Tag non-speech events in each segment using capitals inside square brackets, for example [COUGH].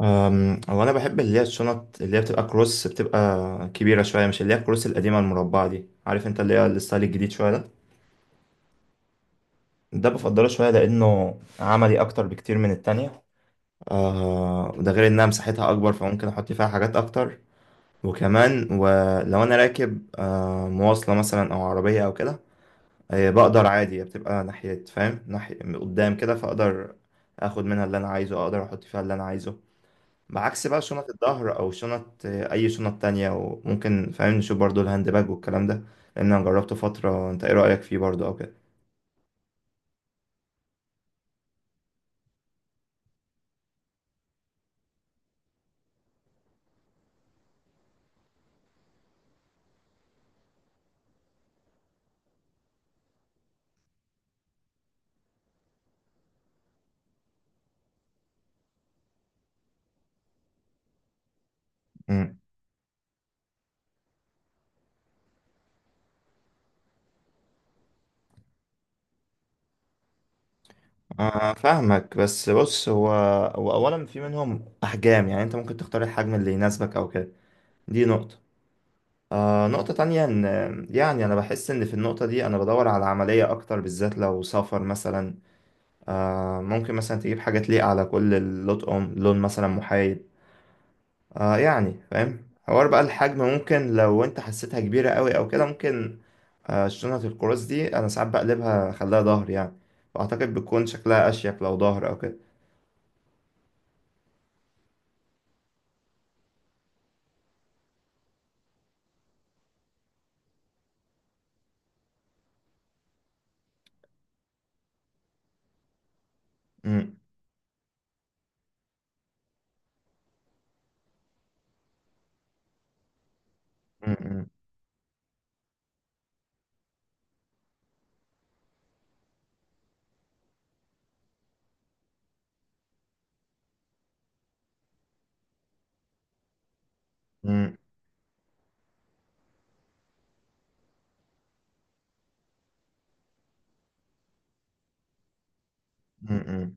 هو انا بحب اللي هي الشنط اللي هي بتبقى كروس بتبقى كبيره شويه، مش اللي هي الكروس القديمه المربعه دي، عارف؟ انت اللي هي الستايل الجديد شويه ده. ده بفضله شويه لانه عملي اكتر بكتير من التانية. ده غير انها مساحتها اكبر، فممكن احط فيها حاجات اكتر. وكمان ولو انا راكب مواصله مثلا او عربيه او كده، بقدر عادي بتبقى ناحيه، فاهم؟ ناحيه قدام كده، فاقدر اخد منها اللي انا عايزه، اقدر احط فيها اللي انا عايزه. بعكس بقى شنط الظهر او شنط اي شنط تانية. وممكن فاهم نشوف برضو الهاند باج والكلام ده، لان انا جربته فترة. انت ايه رأيك فيه برضو او كده؟ امم. فاهمك، بس بص، هو اولا في منهم احجام، يعني انت ممكن تختار الحجم اللي يناسبك او كده. دي نقطة. نقطة تانية ان يعني انا بحس ان في النقطة دي انا بدور على عملية اكتر، بالذات لو سفر مثلا. ممكن مثلا تجيب حاجة تليق على كل اللطقم، لون مثلا محايد. يعني فاهم حوار بقى الحجم، ممكن لو انت حسيتها كبيرة قوي او كده ممكن. شنطة القراص دي انا ساعات بقلبها اخليها ظهر يعني، فاعتقد بتكون شكلها اشيك لو ظهر او كده. أمم، أمم، أمم، أمم. امم، امم.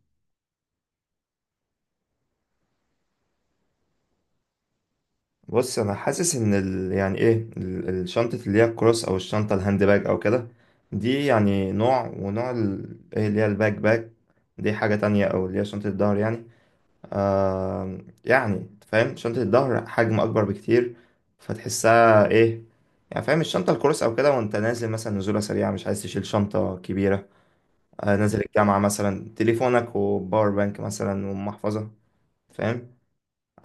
بص، انا حاسس ان ال... يعني ايه ال- الشنطة اللي هي الكروس او الشنطة الهاند باج او كده، دي يعني نوع، ونوع ال... ايه اللي هي الباك باك دي، حاجة تانية، او اللي هي شنطة الظهر يعني. آه يعني فاهم شنطة الظهر حجم أكبر بكتير، فتحسها إيه؟ يعني فاهم الشنطة الكروس أو كده، وأنت نازل مثلا نزولة سريعة، مش عايز تشيل شنطة كبيرة، نازل الجامعة مثلا، تليفونك وباور بانك مثلا ومحفظة، فاهم؟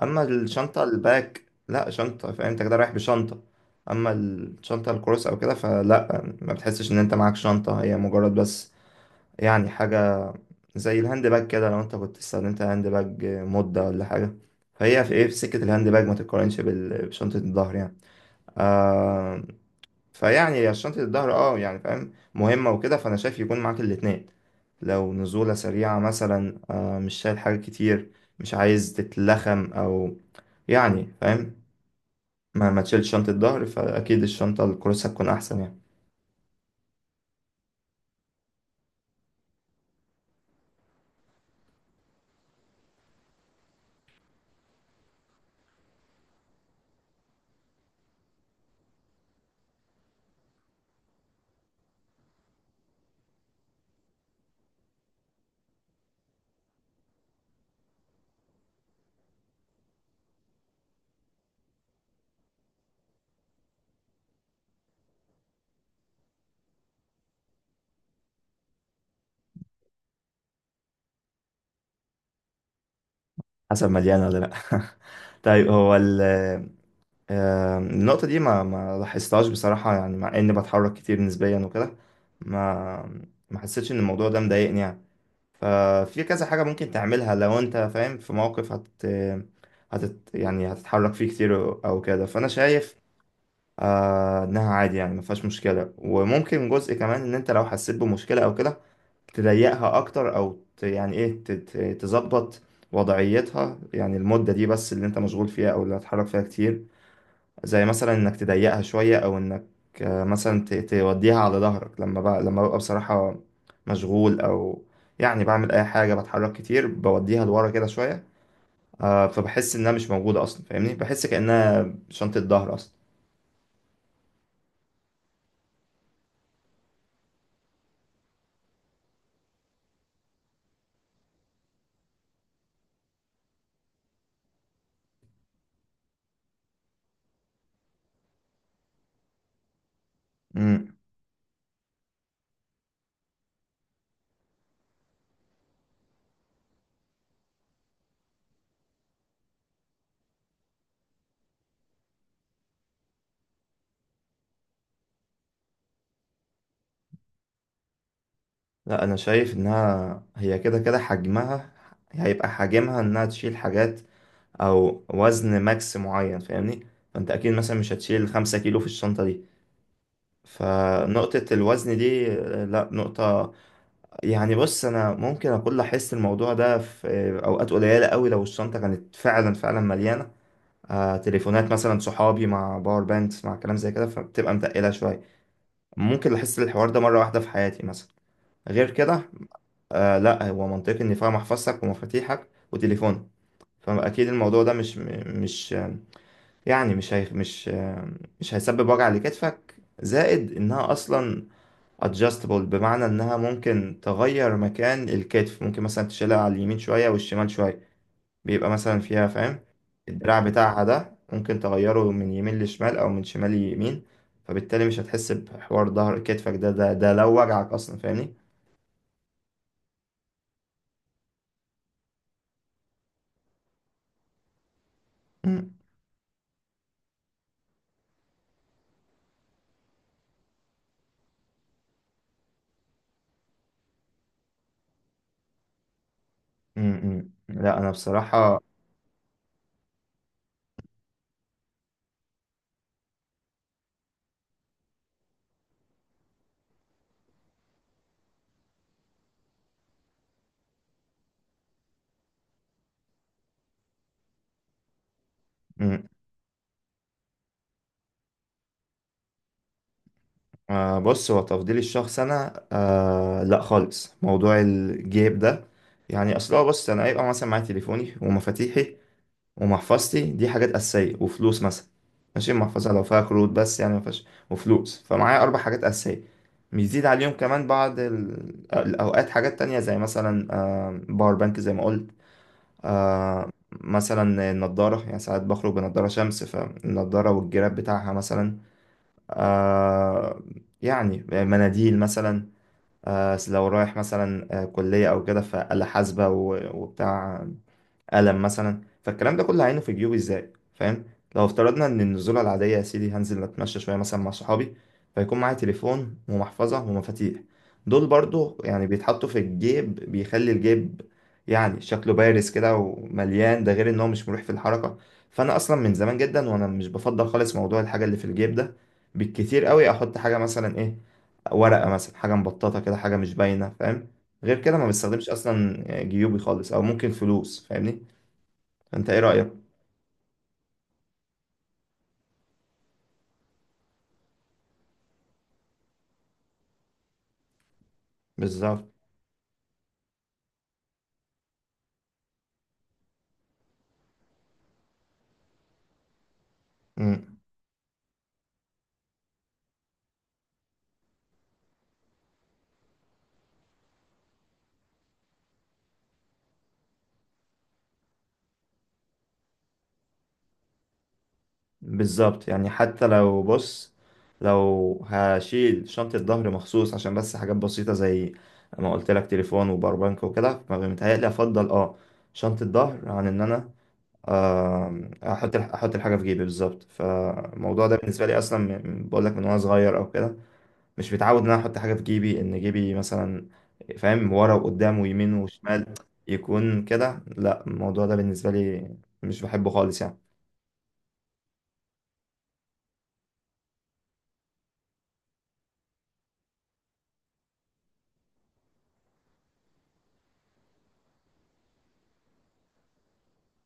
أما الشنطة الباك، لأ، شنطة، فاهم أنت كده رايح بشنطة. أما الشنطة الكروس أو كده فلأ، ما بتحسش إن أنت معاك شنطة، هي مجرد بس يعني حاجة. زي الهاند باج كده، لو انت كنت استخدمت هاند باج مدة ولا حاجة، فهي في ايه، في سكة الهاند باج، ما تتقارنش بشنطة الظهر يعني. آه فيعني شنطة الظهر اه يعني فاهم مهمة وكده، فانا شايف يكون معاك الاتنين. لو نزولة سريعة مثلا، مش شايل حاجة كتير، مش عايز تتلخم او يعني فاهم، ما تشيلش شنطة ظهر، فاكيد الشنطة الكروسة تكون احسن يعني. حسب مليانة ولا لا. [LAUGHS] طيب، هو ال النقطة دي ما لاحظتهاش بصراحة، يعني مع إني بتحرك كتير نسبيا وكده، ما حسيتش إن الموضوع ده مضايقني يعني. ففي كذا حاجة ممكن تعملها لو أنت فاهم في موقف هت هتت يعني هتتحرك فيه كتير أو كده، فأنا شايف إنها عادي، يعني ما فيهاش مشكلة. وممكن جزء كمان إن أنت لو حسيت بمشكلة أو كده تضيقها أكتر، أو يعني إيه، تظبط وضعيتها، يعني المدة دي بس اللي أنت مشغول فيها أو اللي هتحرك فيها كتير. زي مثلا انك تضيقها شوية، او انك مثلا توديها على ظهرك، لما بقى، لما ببقى بصراحة مشغول او يعني بعمل اي حاجة بتحرك كتير، بوديها لورا كده شوية. فبحس انها مش موجودة اصلا، فاهمني؟ بحس كأنها شنطة ظهر اصلا. مم. لا، انا شايف انها هي كده كده حجمها، هيبقى حجمها انها تشيل حاجات او وزن ماكس معين، فاهمني؟ فانت اكيد مثلا مش هتشيل 5 كيلو في الشنطة دي. فنقطة الوزن دي لا، نقطة يعني، بص، انا ممكن اقول احس الموضوع ده في اوقات قليله قوي، لو الشنطه كانت فعلا مليانه. تليفونات مثلا صحابي مع باور بانكس مع كلام زي كده، فبتبقى متقله شويه. ممكن احس الحوار ده مره واحده في حياتي مثلا، غير كده. لا هو منطقي ان فيها محفظتك ومفاتيحك وتليفونك، فاكيد الموضوع ده مش مش يعني مش هي مش مش هيسبب وجع لكتفك. زائد انها اصلا adjustable، بمعنى انها ممكن تغير مكان الكتف، ممكن مثلا تشيلها على اليمين شوية والشمال شوية، بيبقى مثلا فيها فاهم، الدراع بتاعها ده ممكن تغيره من يمين لشمال او من شمال ليمين. فبالتالي مش هتحس بحوار ظهر كتفك ده لو وجعك اصلا، فاهمني؟ مم. مم. مم. لا انا بصراحة، مم. بص هو تفضيلي الشخص انا، لا خالص، موضوع الجيب ده يعني اصلا، بص انا هيبقى مثلا معايا تليفوني ومفاتيحي ومحفظتي، دي حاجات أساسية، وفلوس مثلا. ماشي، المحفظة لو فيها كروت بس يعني مفيهاش وفلوس، فمعايا أربع حاجات أساسية، بيزيد عليهم كمان بعض الأوقات حاجات تانية، زي مثلا باور بانك زي ما قلت. مثلا النضارة، يعني ساعات بخرج بنضارة شمس، فالنضارة والجراب بتاعها مثلا. آه، يعني مناديل مثلا. لو رايح مثلا كلية أو كده، فآلة حاسبة وبتاع ألم مثلا. فالكلام ده كله هينه في جيوبي ازاي، فاهم؟ لو افترضنا ان النزولة العادية يا سيدي، هنزل اتمشى شوية مثلا مع صحابي، فيكون معايا تليفون ومحفظة ومفاتيح، دول برضو يعني بيتحطوا في الجيب، بيخلي الجيب يعني شكله بارز كده ومليان، ده غير ان هو مش مريح في الحركة. فانا اصلا من زمان جدا وانا مش بفضل خالص موضوع الحاجة اللي في الجيب ده. بالكتير قوي احط حاجة مثلا ايه، ورقة مثلا، حاجة مبططة كده، حاجة مش باينة، فاهم؟ غير كده ما بستخدمش اصلا جيوبي خالص، او ممكن فلوس، فاهمني؟ انت ايه رأيك؟ بالظبط. مم. بالظبط، يعني حتى لو بص، لو هشيل شنطة ظهر مخصوص عشان بس حاجات بسيطة، زي ما قلت لك تليفون وباور بانك وكده، فمتهيألي افضل اه شنطة ظهر عن ان انا آم، احط احط الحاجة في جيبي بالظبط. فالموضوع ده بالنسبة لي اصلا بقول لك من وانا صغير او كده، مش متعود ان انا احط حاجة في جيبي، ان جيبي مثلا فاهم ورا وقدام ويمين وشمال يكون كده، لا، الموضوع ده بالنسبة لي مش بحبه خالص يعني.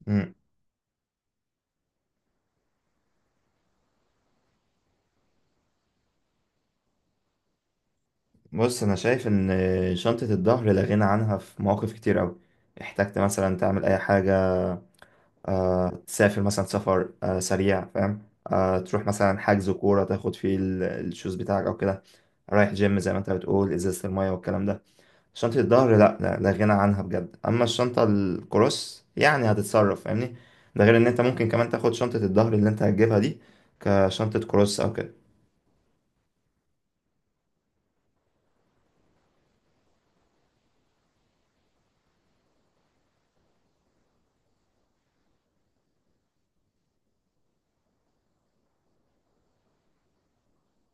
مم. بص انا شايف ان شنطة الظهر لا غنى عنها في مواقف كتير قوي. احتجت مثلا تعمل اي حاجة، تسافر مثلا سفر سريع، فاهم؟ تروح مثلا حجز كورة تاخد فيه الشوز بتاعك او كده، رايح جيم زي ما انت بتقول، ازازة المية والكلام ده. شنطة الظهر لا غنى عنها بجد. اما الشنطة الكروس يعني هتتصرف، فاهمني؟ ده غير ان انت ممكن كمان تاخد شنطة الظهر اللي انت هتجيبها دي كشنطة كروس او كده.